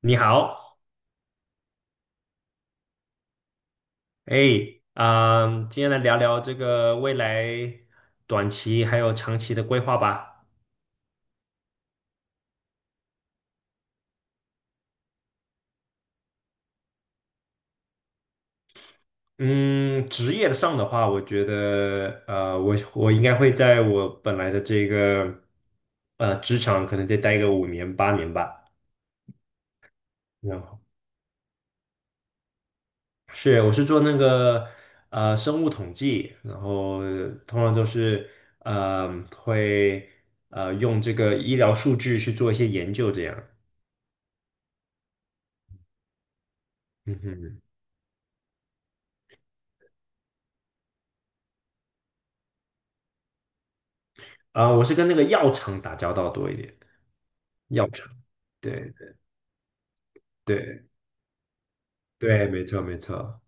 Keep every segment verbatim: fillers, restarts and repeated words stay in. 你好，哎，啊、今天来聊聊这个未来短期还有长期的规划吧。嗯，职业上的话，我觉得，呃，我我应该会在我本来的这个呃职场，可能再待个五年八年吧。然后是，我是做那个呃生物统计，然后通常都是呃会呃用这个医疗数据去做一些研究，这样。嗯哼。啊、我是跟那个药厂打交道多一点，药厂，对对对，没错没错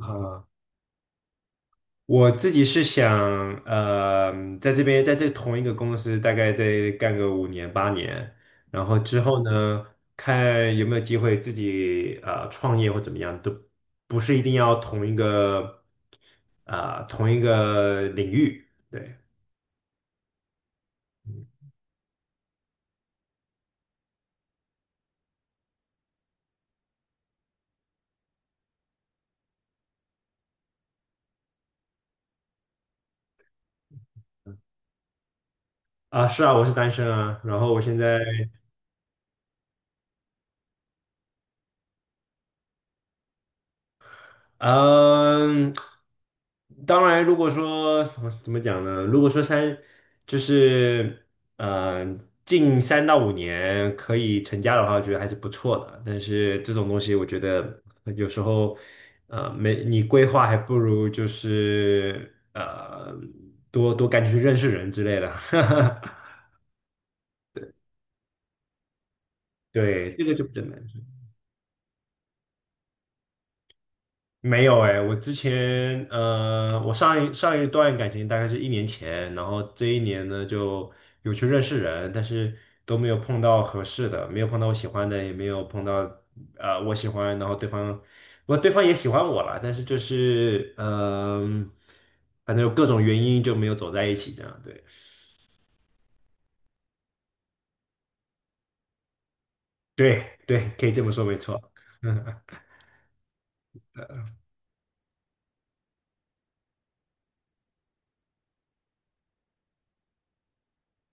啊、我自己是想呃，在这边在这同一个公司大概再干个五年八年，然后之后呢，看有没有机会自己呃创业或怎么样，都不是一定要同一个啊、同一个领域，对。啊，是啊，我是单身啊，然后我现在嗯，当然，如果说怎么怎么讲呢？如果说三就是呃近三到五年可以成家的话，我觉得还是不错的。但是这种东西，我觉得有时候呃没你规划，还不如就是呃多多赶紧去认识人之类的。对，这个就比较难。没有哎、我之前呃，我上一上一段感情大概是一年前，然后这一年呢就有去认识人，但是都没有碰到合适的，没有碰到我喜欢的，也没有碰到呃我喜欢，然后对方不过对方也喜欢我了，但是就是嗯、反正有各种原因就没有走在一起，这样对对对，可以这么说，没错，嗯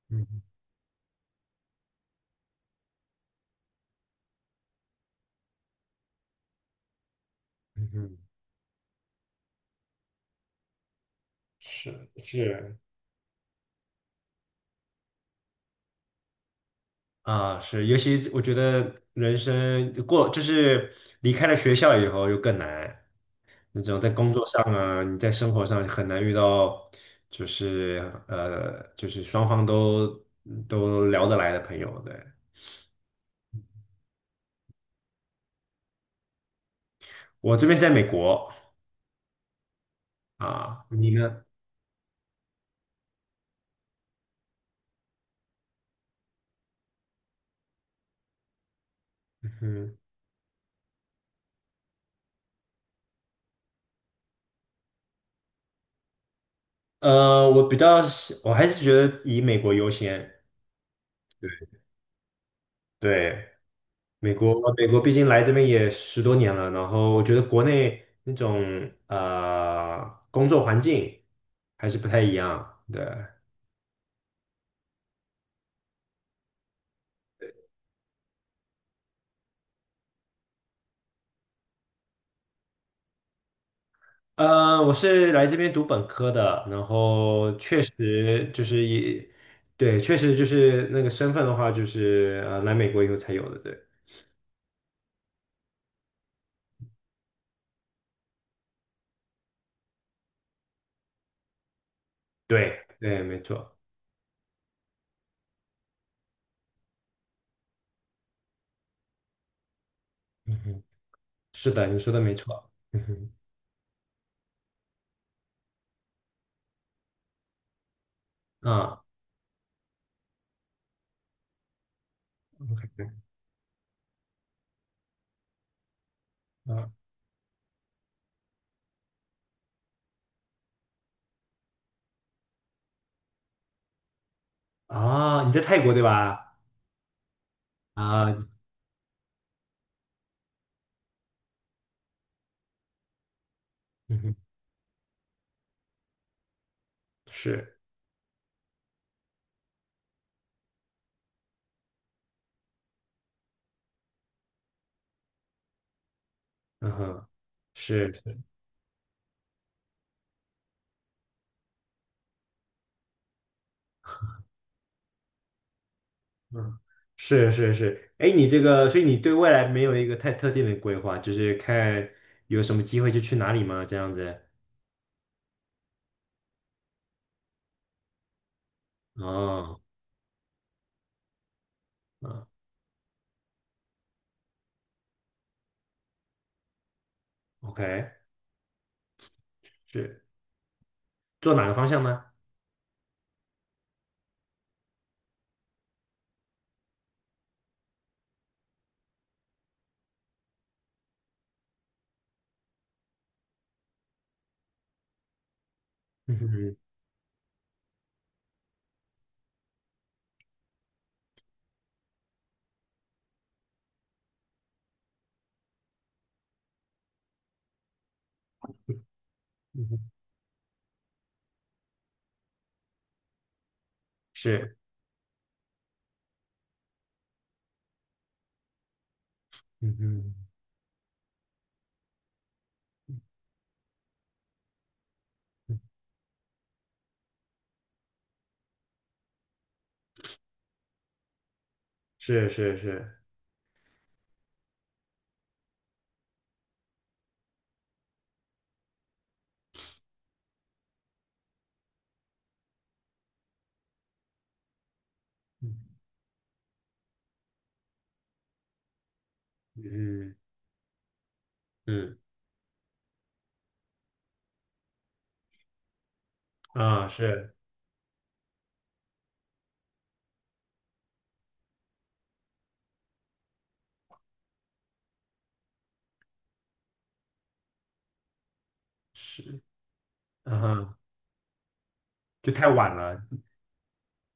嗯嗯嗯，是是。啊，是，尤其我觉得人生过就是离开了学校以后又更难，那种在工作上啊，你在生活上很难遇到，就是呃，就是双方都都聊得来的朋友。对，我这边是在美国啊，你呢？嗯，呃，我比较喜，我还是觉得以美国优先。对，美国，美国毕竟来这边也十多年了，然后我觉得国内那种呃工作环境还是不太一样。对，呃，我是来这边读本科的，然后确实就是也对，确实就是那个身份的话，就是呃来美国以后才有的。对，对，对，没错。嗯哼，是的，你说的没错。嗯哼，啊啊啊，你在泰国对吧？啊，嗯哼，是，嗯哼。是。嗯，是是是，哎，你这个，所以你对未来没有一个太特定的规划，就是看有什么机会就去哪里吗？这样子。哦，嗯，OK,是做哪个方向呢？嗯哼，嗯哼，是，嗯哼，是是是，嗯嗯嗯，啊，是是，啊，哈，就太晚了，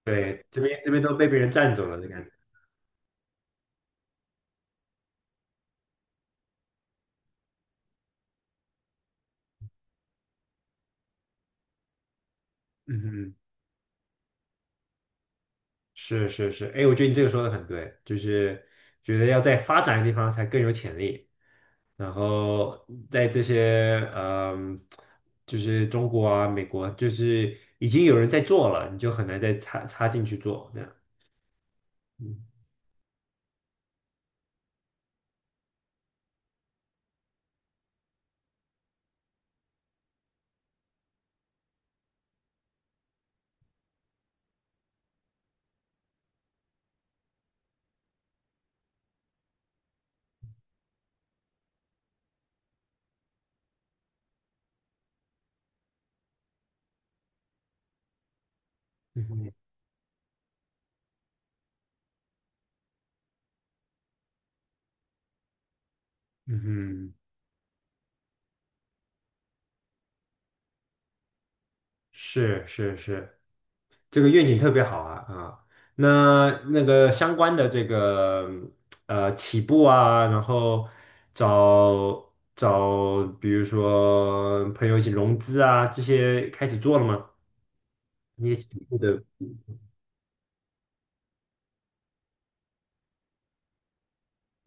对，这边这边都被别人占走了的感觉。嗯哼。是是是，哎，我觉得你这个说的很对，就是觉得要在发展的地方才更有潜力，然后在这些嗯，就是中国啊、美国，就是已经有人在做了，你就很难再插插进去做这样。嗯嗯哼嗯哼是是是，这个愿景特别好啊啊，那那个相关的这个呃起步啊，然后找找比如说朋友一起融资啊，这些开始做了吗？那些起步的，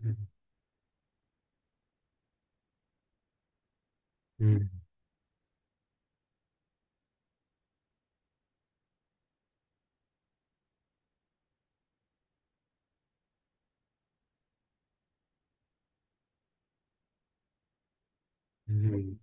嗯嗯，嗯，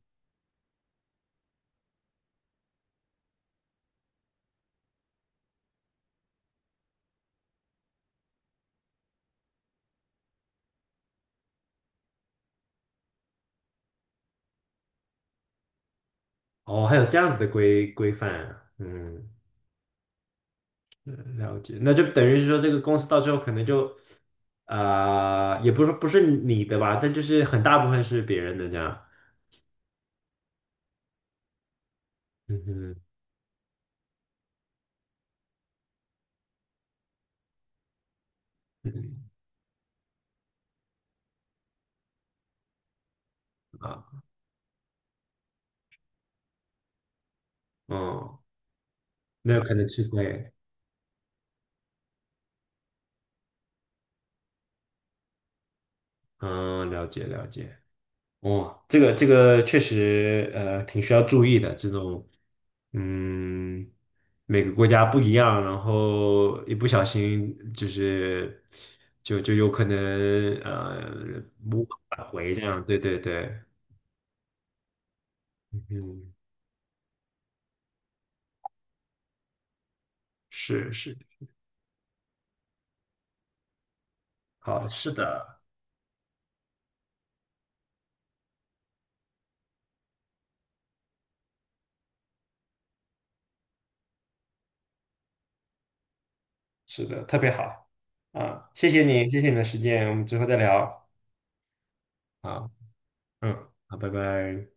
哦，还有这样子的规规范啊，嗯，了解，那就等于是说这个公司到最后可能就啊，也不是说不是你的吧，但就是很大部分是别人的这样，嗯哼，嗯啊，嗯。没有可能吃亏。嗯，了解了解。哦，这个这个确实呃挺需要注意的。这种嗯，每个国家不一样，然后一不小心就是就就有可能呃无法挽回这样。对对对，嗯，是是，好，是的，是的，特别好啊！谢谢你，谢谢你的时间，我们之后再聊啊。嗯，好，拜拜。